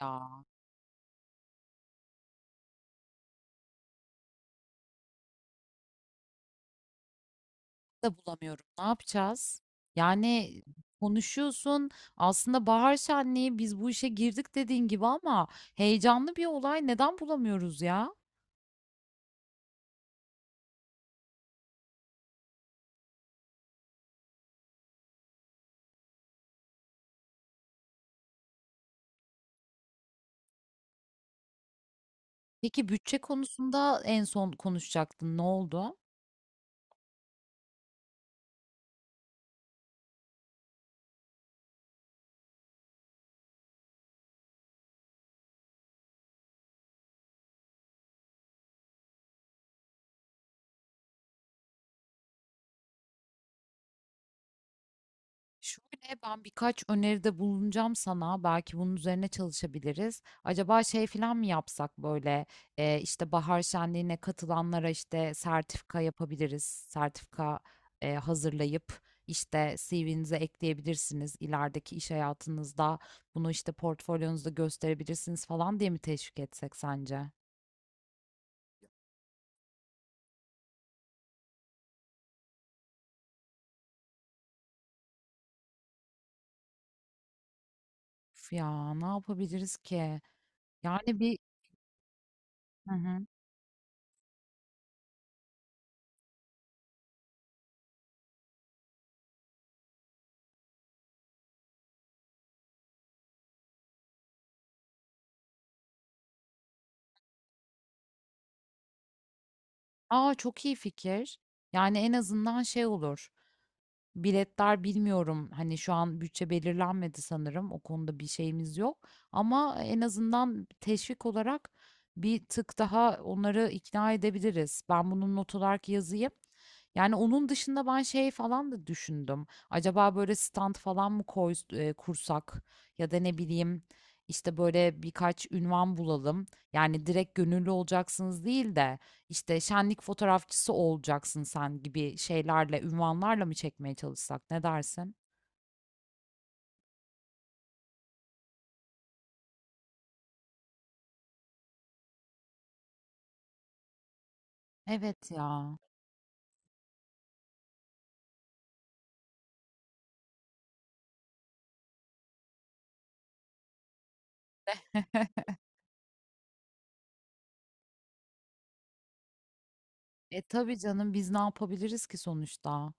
Ya da bulamıyorum. Ne yapacağız? Yani konuşuyorsun. Aslında bahar şenliği biz bu işe girdik dediğin gibi ama heyecanlı bir olay. Neden bulamıyoruz ya? Peki bütçe konusunda en son konuşacaktın. Ne oldu? Şöyle ben birkaç öneride bulunacağım sana. Belki bunun üzerine çalışabiliriz. Acaba şey falan mı yapsak böyle işte bahar şenliğine katılanlara işte sertifika yapabiliriz. Sertifika hazırlayıp işte CV'nize ekleyebilirsiniz. İlerideki iş hayatınızda bunu işte portfolyonuzda gösterebilirsiniz falan diye mi teşvik etsek sence? Üf ya ne yapabiliriz ki? Yani bir... Hı hı. Aa çok iyi fikir. Yani en azından şey olur. Biletler bilmiyorum. Hani şu an bütçe belirlenmedi sanırım. O konuda bir şeyimiz yok. Ama en azından teşvik olarak bir tık daha onları ikna edebiliriz. Ben bunun not olarak yazayım. Yani onun dışında ben şey falan da düşündüm. Acaba böyle stand falan mı koy, kursak ya da ne bileyim işte böyle birkaç ünvan bulalım. Yani direkt gönüllü olacaksınız değil de işte şenlik fotoğrafçısı olacaksın sen gibi şeylerle, ünvanlarla mı çekmeye çalışsak ne dersin? Evet ya. E tabii canım biz ne yapabiliriz ki sonuçta?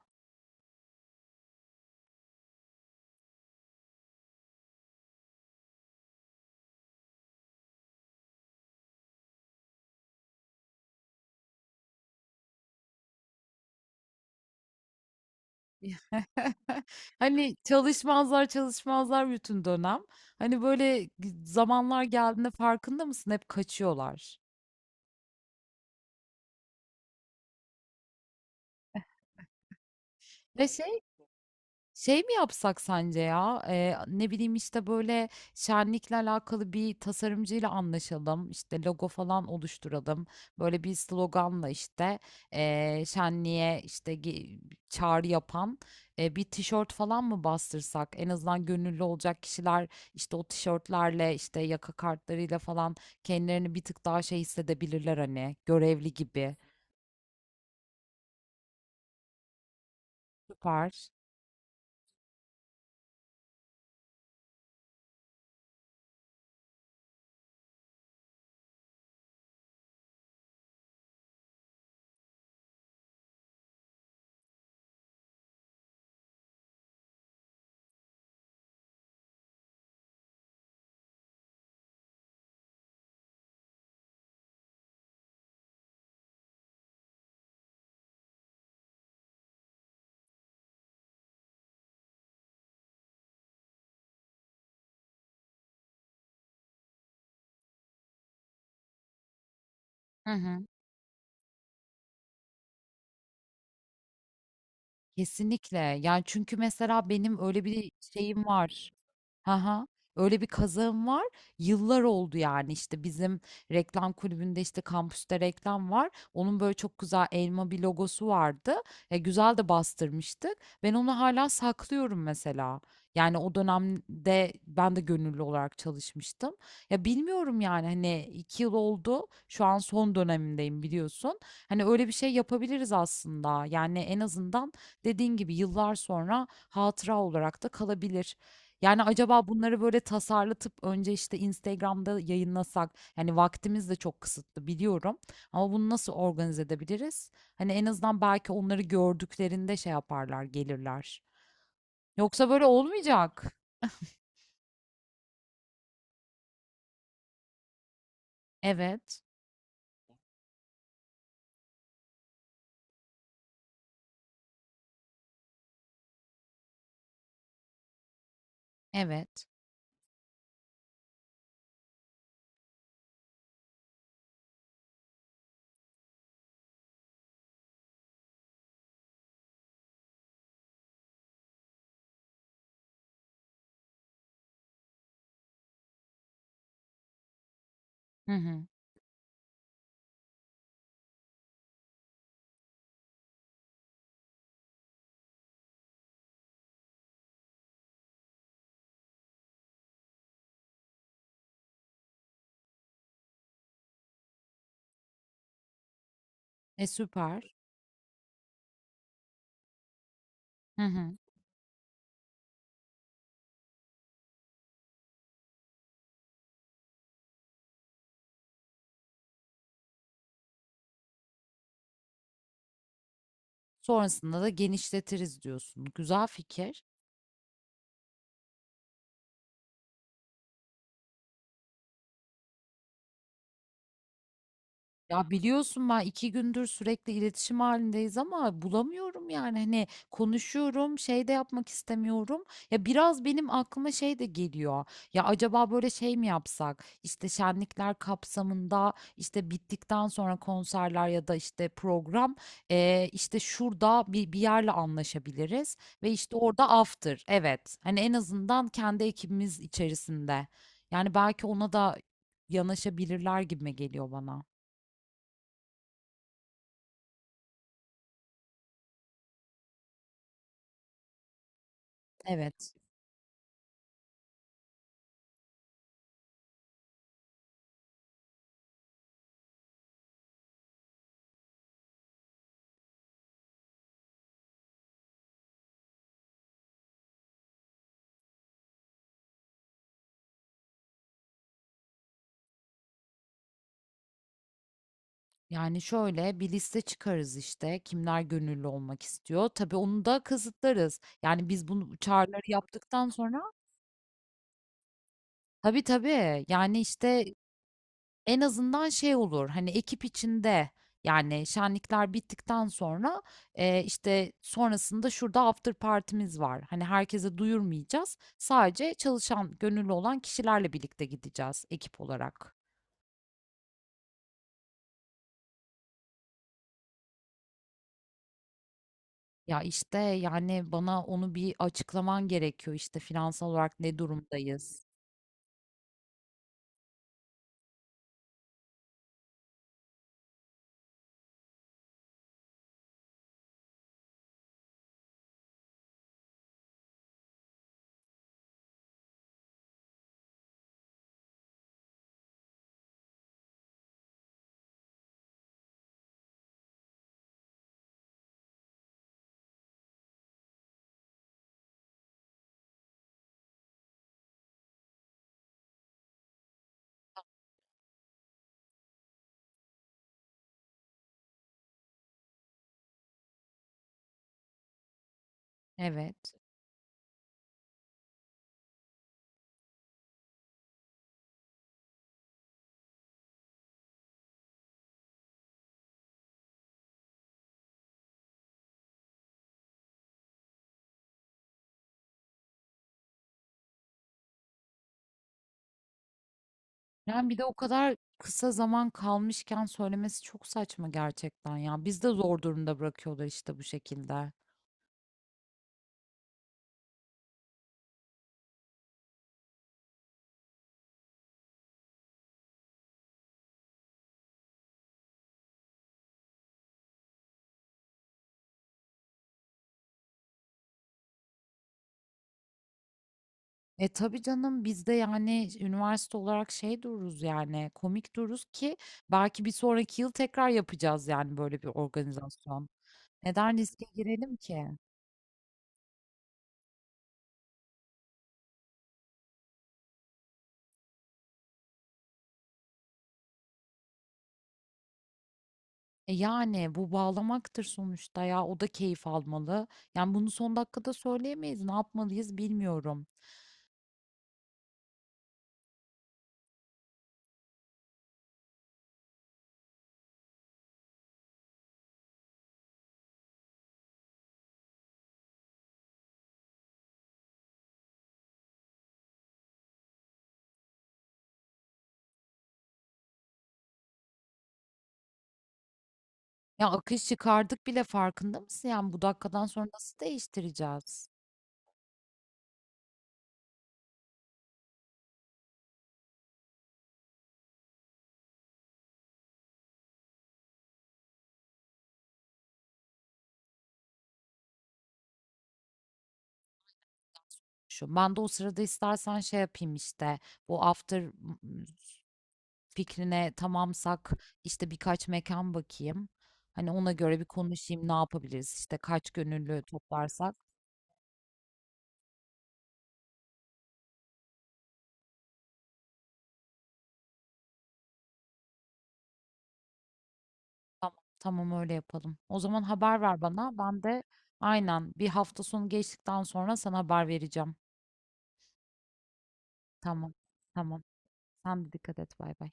Hani çalışmazlar çalışmazlar bütün dönem. Hani böyle zamanlar geldiğinde farkında mısın? Hep kaçıyorlar. Ve şey. Şey mi yapsak sence ya? Ne bileyim işte böyle şenlikle alakalı bir tasarımcıyla anlaşalım. İşte logo falan oluşturalım. Böyle bir sloganla işte şenliğe işte çağrı yapan bir tişört falan mı bastırsak? En azından gönüllü olacak kişiler işte o tişörtlerle işte yaka kartlarıyla falan kendilerini bir tık daha şey hissedebilirler hani görevli gibi. Süper. Kesinlikle. Yani çünkü mesela benim öyle bir şeyim var. Ha. Öyle bir kazağım var. Yıllar oldu yani işte bizim reklam kulübünde işte kampüste reklam var. Onun böyle çok güzel elma bir logosu vardı. Güzel de bastırmıştık. Ben onu hala saklıyorum mesela. Yani o dönemde ben de gönüllü olarak çalışmıştım. Ya bilmiyorum yani hani 2 yıl oldu. Şu an son dönemindeyim biliyorsun. Hani öyle bir şey yapabiliriz aslında. Yani en azından dediğin gibi yıllar sonra hatıra olarak da kalabilir. Yani acaba bunları böyle tasarlatıp önce işte Instagram'da yayınlasak, yani vaktimiz de çok kısıtlı biliyorum ama bunu nasıl organize edebiliriz? Hani en azından belki onları gördüklerinde şey yaparlar, gelirler. Yoksa böyle olmayacak. Evet, evet. Hı hı. E süper. Hı hı. Sonrasında da genişletiriz diyorsun. Güzel fikir. Ya biliyorsun ben iki gündür sürekli iletişim halindeyiz ama bulamıyorum yani hani konuşuyorum şey de yapmak istemiyorum. Ya biraz benim aklıma şey de geliyor. Ya acaba böyle şey mi yapsak? İşte şenlikler kapsamında işte bittikten sonra konserler ya da işte program işte şurada bir yerle anlaşabiliriz ve işte orada after evet hani en azından kendi ekibimiz içerisinde. Yani belki ona da yanaşabilirler gibime geliyor bana. Evet. Yani şöyle bir liste çıkarız işte kimler gönüllü olmak istiyor. Tabii onu da kısıtlarız. Yani biz bunu çağrıları yaptıktan sonra tabii tabii yani işte en azından şey olur hani ekip içinde yani şenlikler bittikten sonra işte sonrasında şurada after partimiz var. Hani herkese duyurmayacağız. Sadece çalışan gönüllü olan kişilerle birlikte gideceğiz ekip olarak. Ya işte yani bana onu bir açıklaman gerekiyor işte finansal olarak ne durumdayız. Evet. Yani bir de o kadar kısa zaman kalmışken söylemesi çok saçma gerçekten ya. Biz de zor durumda bırakıyorlar işte bu şekilde. E tabii canım biz de yani üniversite olarak şey dururuz yani komik dururuz ki belki bir sonraki yıl tekrar yapacağız yani böyle bir organizasyon. Neden riske girelim ki? E yani bu bağlamaktır sonuçta ya o da keyif almalı. Yani bunu son dakikada söyleyemeyiz. Ne yapmalıyız bilmiyorum. Ya akış çıkardık bile farkında mısın? Yani bu dakikadan sonra nasıl değiştireceğiz? Şu ben de o sırada istersen şey yapayım işte bu after m- fikrine tamamsak işte birkaç mekan bakayım. Hani ona göre bir konuşayım ne yapabiliriz işte kaç gönüllü toplarsak. Tamam, tamam öyle yapalım. O zaman haber ver bana. Ben de aynen 1 hafta sonu geçtikten sonra sana haber vereceğim. Tamam, tamam. Sen de dikkat et. Bay bay.